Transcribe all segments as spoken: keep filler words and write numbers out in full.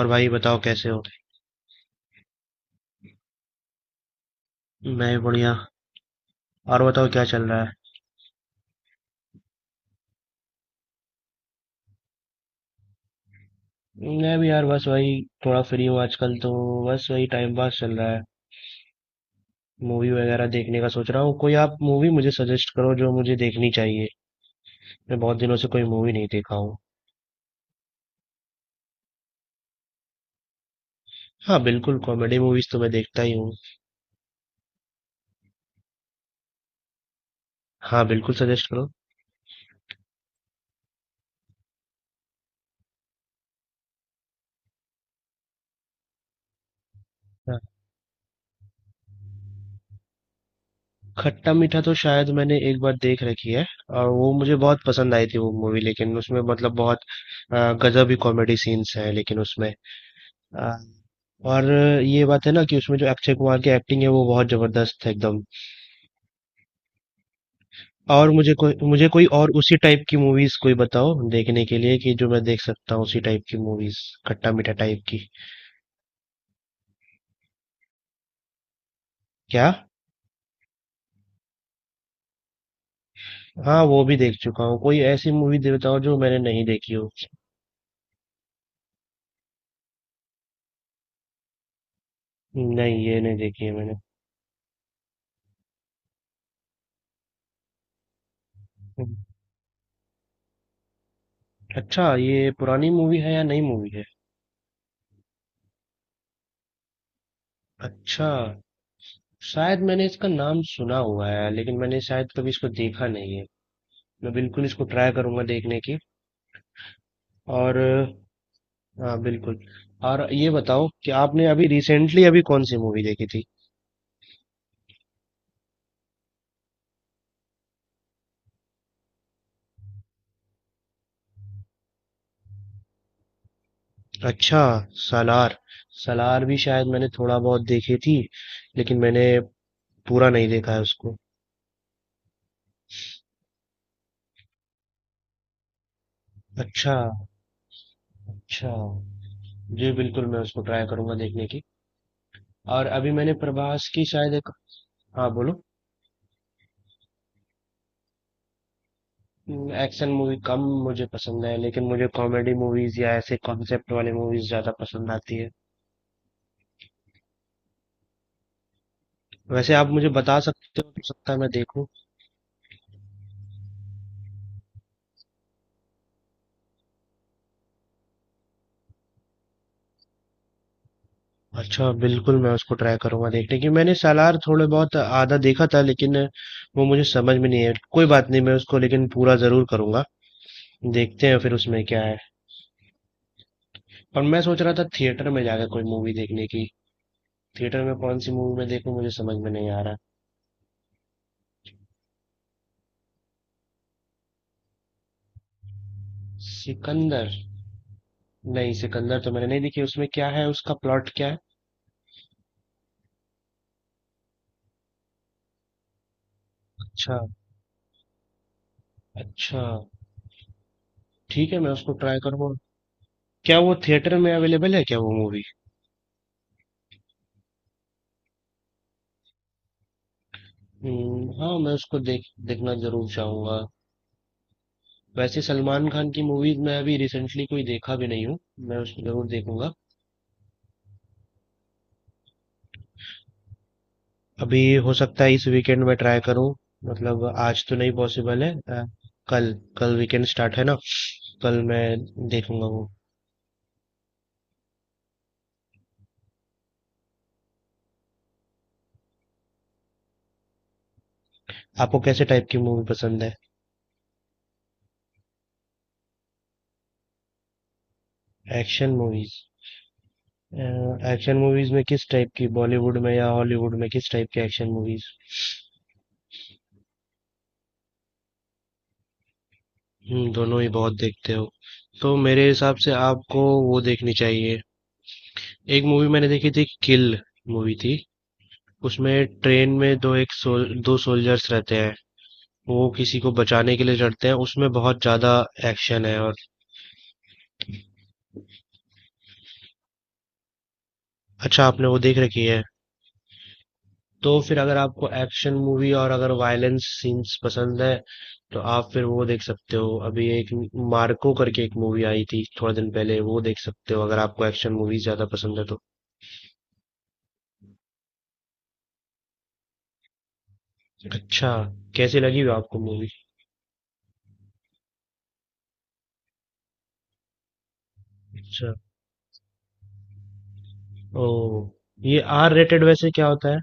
और भाई बताओ कैसे हो। मैं भी बढ़िया। और बताओ क्या चल रहा है। मैं भी यार बस वही थोड़ा फ्री हूँ आजकल तो। बस वही टाइम पास चल रहा है। मूवी वगैरह देखने का सोच रहा हूँ कोई। आप मूवी मुझे सजेस्ट करो जो मुझे देखनी चाहिए। मैं बहुत दिनों से कोई मूवी नहीं देखा हूँ। हाँ बिल्कुल, कॉमेडी मूवीज तो मैं देखता ही हूँ। हाँ बिल्कुल सजेस्ट करो। हाँ। खट्टा मीठा तो शायद मैंने एक बार देख रखी है। और वो मुझे बहुत पसंद आई थी वो मूवी, लेकिन उसमें मतलब बहुत अ, गजब ही कॉमेडी सीन्स हैं, लेकिन उसमें आ, और ये बात है ना कि उसमें जो अक्षय कुमार की एक्टिंग है वो बहुत जबरदस्त है एकदम। और मुझे कोई मुझे कोई और उसी टाइप की मूवीज कोई बताओ देखने के लिए, कि जो मैं देख सकता हूँ उसी टाइप की मूवीज। खट्टा मीठा टाइप की। क्या? हाँ वो भी देख चुका हूँ, कोई ऐसी मूवी दे बताओ जो मैंने नहीं देखी हो। नहीं ये नहीं देखी है मैंने। हम्म। अच्छा ये पुरानी मूवी है या नई मूवी है? अच्छा। शायद मैंने इसका नाम सुना हुआ है, लेकिन मैंने शायद कभी इसको देखा नहीं है। मैं बिल्कुल इसको ट्राई करूंगा देखने की। और हाँ बिल्कुल। और ये बताओ कि आपने अभी रिसेंटली अभी कौन सी मूवी देखी थी? अच्छा। सालार। सालार भी शायद मैंने थोड़ा बहुत देखी थी, लेकिन मैंने पूरा नहीं देखा है उसको। अच्छा। अच्छा। जी बिल्कुल, मैं उसको ट्राई करूंगा देखने की। और अभी मैंने प्रभास की शायद एक। हाँ बोलो। एक्शन मूवी कम मुझे पसंद है, लेकिन मुझे कॉमेडी मूवीज या ऐसे कॉन्सेप्ट वाले मूवीज ज्यादा पसंद आती है। वैसे आप मुझे बता सकते हो, तो सकता है मैं देखूं। अच्छा बिल्कुल, मैं उसको ट्राई करूंगा देखने की। मैंने सालार थोड़े बहुत आधा देखा था, लेकिन वो मुझे समझ में नहीं है। कोई बात नहीं, मैं उसको लेकिन पूरा जरूर करूंगा। देखते हैं फिर उसमें क्या है। और मैं सोच रहा था थिएटर में जाकर कोई मूवी देखने की। थिएटर में कौन सी मूवी मैं देखूं मुझे समझ में नहीं आ रहा। सिकंदर? नहीं, सिकंदर तो मैंने नहीं देखी। उसमें क्या है, उसका प्लॉट क्या है? अच्छा। अच्छा। ठीक है, मैं उसको ट्राई करूंगा। क्या वो थिएटर में अवेलेबल है क्या वो मूवी? हम्म, हाँ मैं उसको देख, देखना जरूर चाहूंगा। वैसे सलमान खान की मूवीज मैं अभी रिसेंटली कोई देखा भी नहीं हूँ। मैं उसको जरूर देखूंगा अभी। हो सकता है इस वीकेंड में ट्राई करूँ। मतलब आज तो नहीं पॉसिबल है। अ, कल, कल वीकेंड स्टार्ट है ना। कल मैं देखूंगा वो। आपको कैसे टाइप की मूवी पसंद है? Action movies. एक्शन मूवीज में किस टाइप की, बॉलीवुड में या हॉलीवुड में, किस टाइप के एक्शन मूवीज? हम्म, दोनों ही बहुत देखते हो। तो मेरे हिसाब से आपको वो देखनी चाहिए। एक मूवी मैंने देखी थी, किल मूवी थी। उसमें ट्रेन में दो एक सोल, दो सोल्जर्स रहते हैं। वो किसी को बचाने के लिए चढ़ते हैं, उसमें बहुत ज्यादा एक्शन है। और अच्छा, आपने वो देख रखी है। तो फिर अगर आपको एक्शन मूवी और अगर वायलेंस सीन्स पसंद है, तो आप फिर वो देख सकते हो। अभी एक मार्को करके एक मूवी आई थी थोड़ा दिन पहले, वो देख सकते हो अगर आपको एक्शन मूवी ज्यादा पसंद है तो। अच्छा। कैसी लगी हुई आपको मूवी? अच्छा। ओ, ये आर रेटेड वैसे क्या होता है?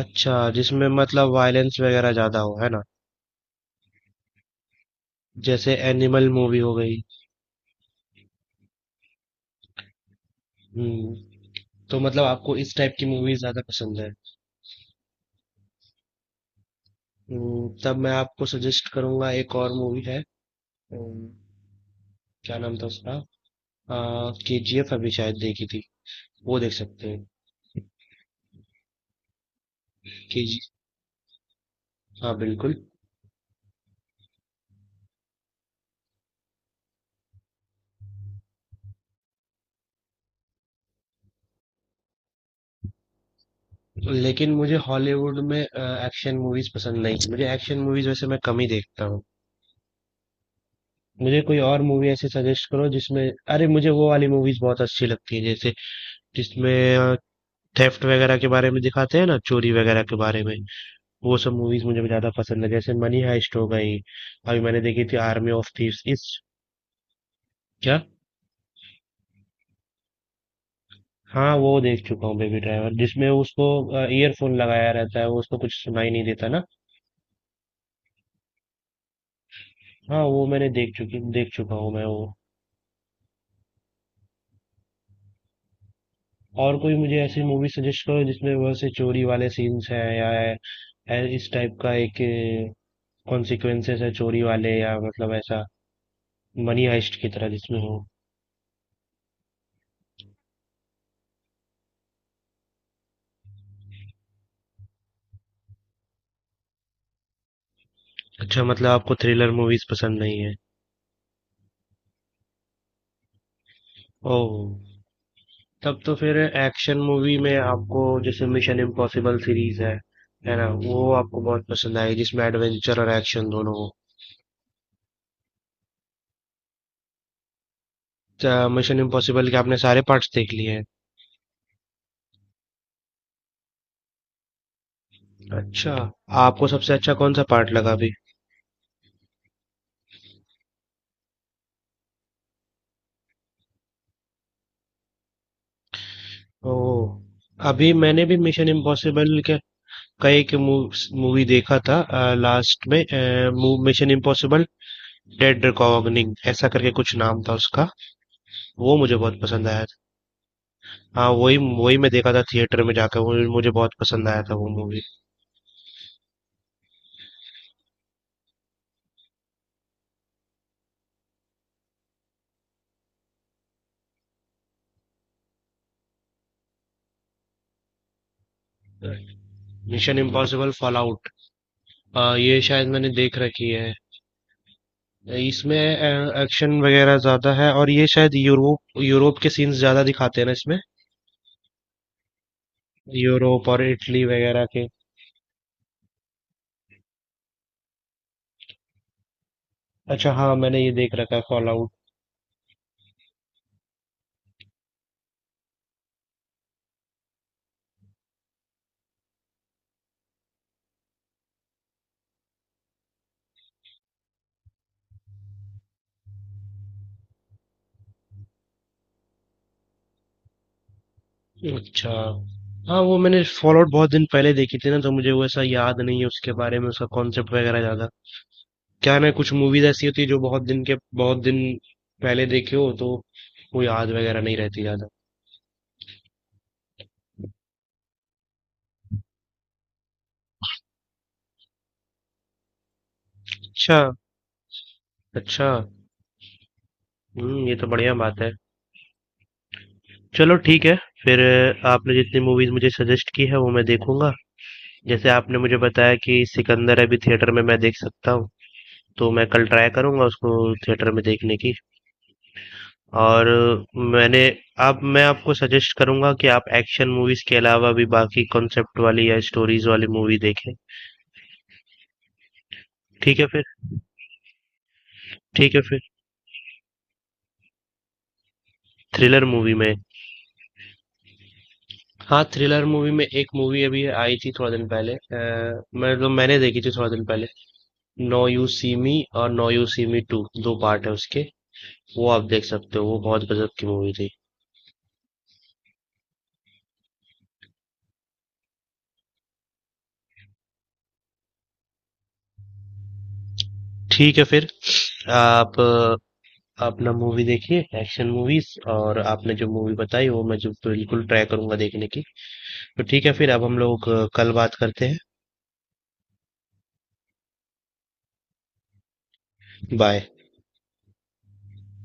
अच्छा, जिसमें मतलब वायलेंस वगैरह ज्यादा हो, है ना। जैसे एनिमल मूवी हो गई। हम्म। तो मतलब आपको इस टाइप की मूवी ज्यादा पसंद है। हम्म, तब मैं आपको सजेस्ट करूंगा, एक और मूवी है। हम्म, क्या नाम था उसका? के जी एफ अभी शायद देखी थी, वो देख सकते हैं। के जी। हाँ बिल्कुल। लेकिन मुझे हॉलीवुड में एक्शन मूवीज पसंद नहीं, मुझे एक्शन मूवीज वैसे मैं कम ही देखता हूँ। मुझे कोई और मूवी ऐसे सजेस्ट करो जिसमें, अरे मुझे वो वाली मूवीज बहुत अच्छी लगती है, जैसे जिसमें थेफ्ट वगैरह के बारे में दिखाते हैं ना, चोरी वगैरह के बारे में। वो सब मूवीज मुझे ज्यादा पसंद है, जैसे मनी हाइस्ट हो गई। अभी मैंने देखी थी आर्मी ऑफ थीव्स इस। क्या? हाँ, वो देख चुका हूँ बेबी ड्राइवर, जिसमें उसको ईयरफोन लगाया रहता है, वो उसको कुछ सुनाई नहीं देता ना। हाँ वो मैंने देख चुकी देख चुका हूँ मैं वो। और कोई मुझे ऐसी मूवी सजेस्ट करो जिसमें वैसे चोरी वाले सीन्स हैं, या ऐ- इस टाइप का एक कॉन्सिक्वेंसेस है चोरी वाले, या मतलब ऐसा मनी हाइस्ट की तरह जिसमें हो। अच्छा मतलब आपको थ्रिलर मूवीज पसंद नहीं है। ओह। तब तो फिर एक्शन मूवी में आपको जैसे मिशन इम्पॉसिबल सीरीज है है ना, वो आपको बहुत पसंद आई, जिसमें एडवेंचर और एक्शन दोनों हो। मिशन इम्पॉसिबल के आपने सारे पार्ट्स देख लिए हैं? अच्छा। आपको सबसे अच्छा कौन सा पार्ट लगा अभी? ओह, अभी मैंने भी मिशन इम्पॉसिबल के कई के मूवी देखा था। लास्ट में मिशन इम्पॉसिबल डेड रिकॉग्निंग ऐसा करके कुछ नाम था उसका, वो मुझे बहुत पसंद आया। हाँ वही वही मैं देखा था थिएटर में जाकर, वो मुझे बहुत पसंद आया था वो मूवी। मिशन इम्पॉसिबल फॉलआउट, ये शायद मैंने देख रखी है। इसमें एक्शन वगैरह ज्यादा है, और ये शायद यूरोप यूरोप के सीन्स ज्यादा दिखाते हैं ना इसमें, यूरोप और इटली वगैरह के। अच्छा हाँ, मैंने ये देख रखा है फॉलआउट। अच्छा हाँ, वो मैंने फॉलआउट बहुत दिन पहले देखी थी ना, तो मुझे वो ऐसा याद नहीं है उसके बारे में, उसका कॉन्सेप्ट वगैरह ज्यादा। क्या है ना, कुछ मूवीज ऐसी होती है जो बहुत दिन के, बहुत दिन पहले देखी हो तो वो याद वगैरह नहीं रहती ज्यादा। अच्छा। अच्छा। हम्म, ये तो बढ़िया बात है। चलो ठीक है फिर। अ, आपने जितनी मूवीज मुझे सजेस्ट की है वो मैं देखूंगा। जैसे आपने मुझे बताया कि सिकंदर अभी थिएटर में मैं देख सकता हूँ, तो मैं कल ट्राई करूंगा उसको थिएटर में देखने की। और अ, मैंने, आप, मैं आपको सजेस्ट करूंगा कि आप एक्शन मूवीज के अलावा भी बाकी कॉन्सेप्ट वाली या स्टोरीज वाली मूवी देखें। ठीक है फिर। ठीक है फिर। थ्रिलर मूवी में, हाँ थ्रिलर मूवी में एक मूवी अभी आई थी थोड़ा दिन पहले, अ, मैं तो, मैंने देखी थी थोड़ा दिन पहले, नो यू सी मी। और now you see me two, दो पार्ट है उसके। वो आप देख सकते हो, वो बहुत गजब की मूवी थी। ठीक है फिर। आप अ, अपना मूवी देखिए एक्शन मूवीज, और आपने जो मूवी बताई वो मैं जो बिल्कुल ट्राई करूंगा देखने की। तो ठीक है फिर, अब हम लोग अ, कल बात करते हैं। बाय।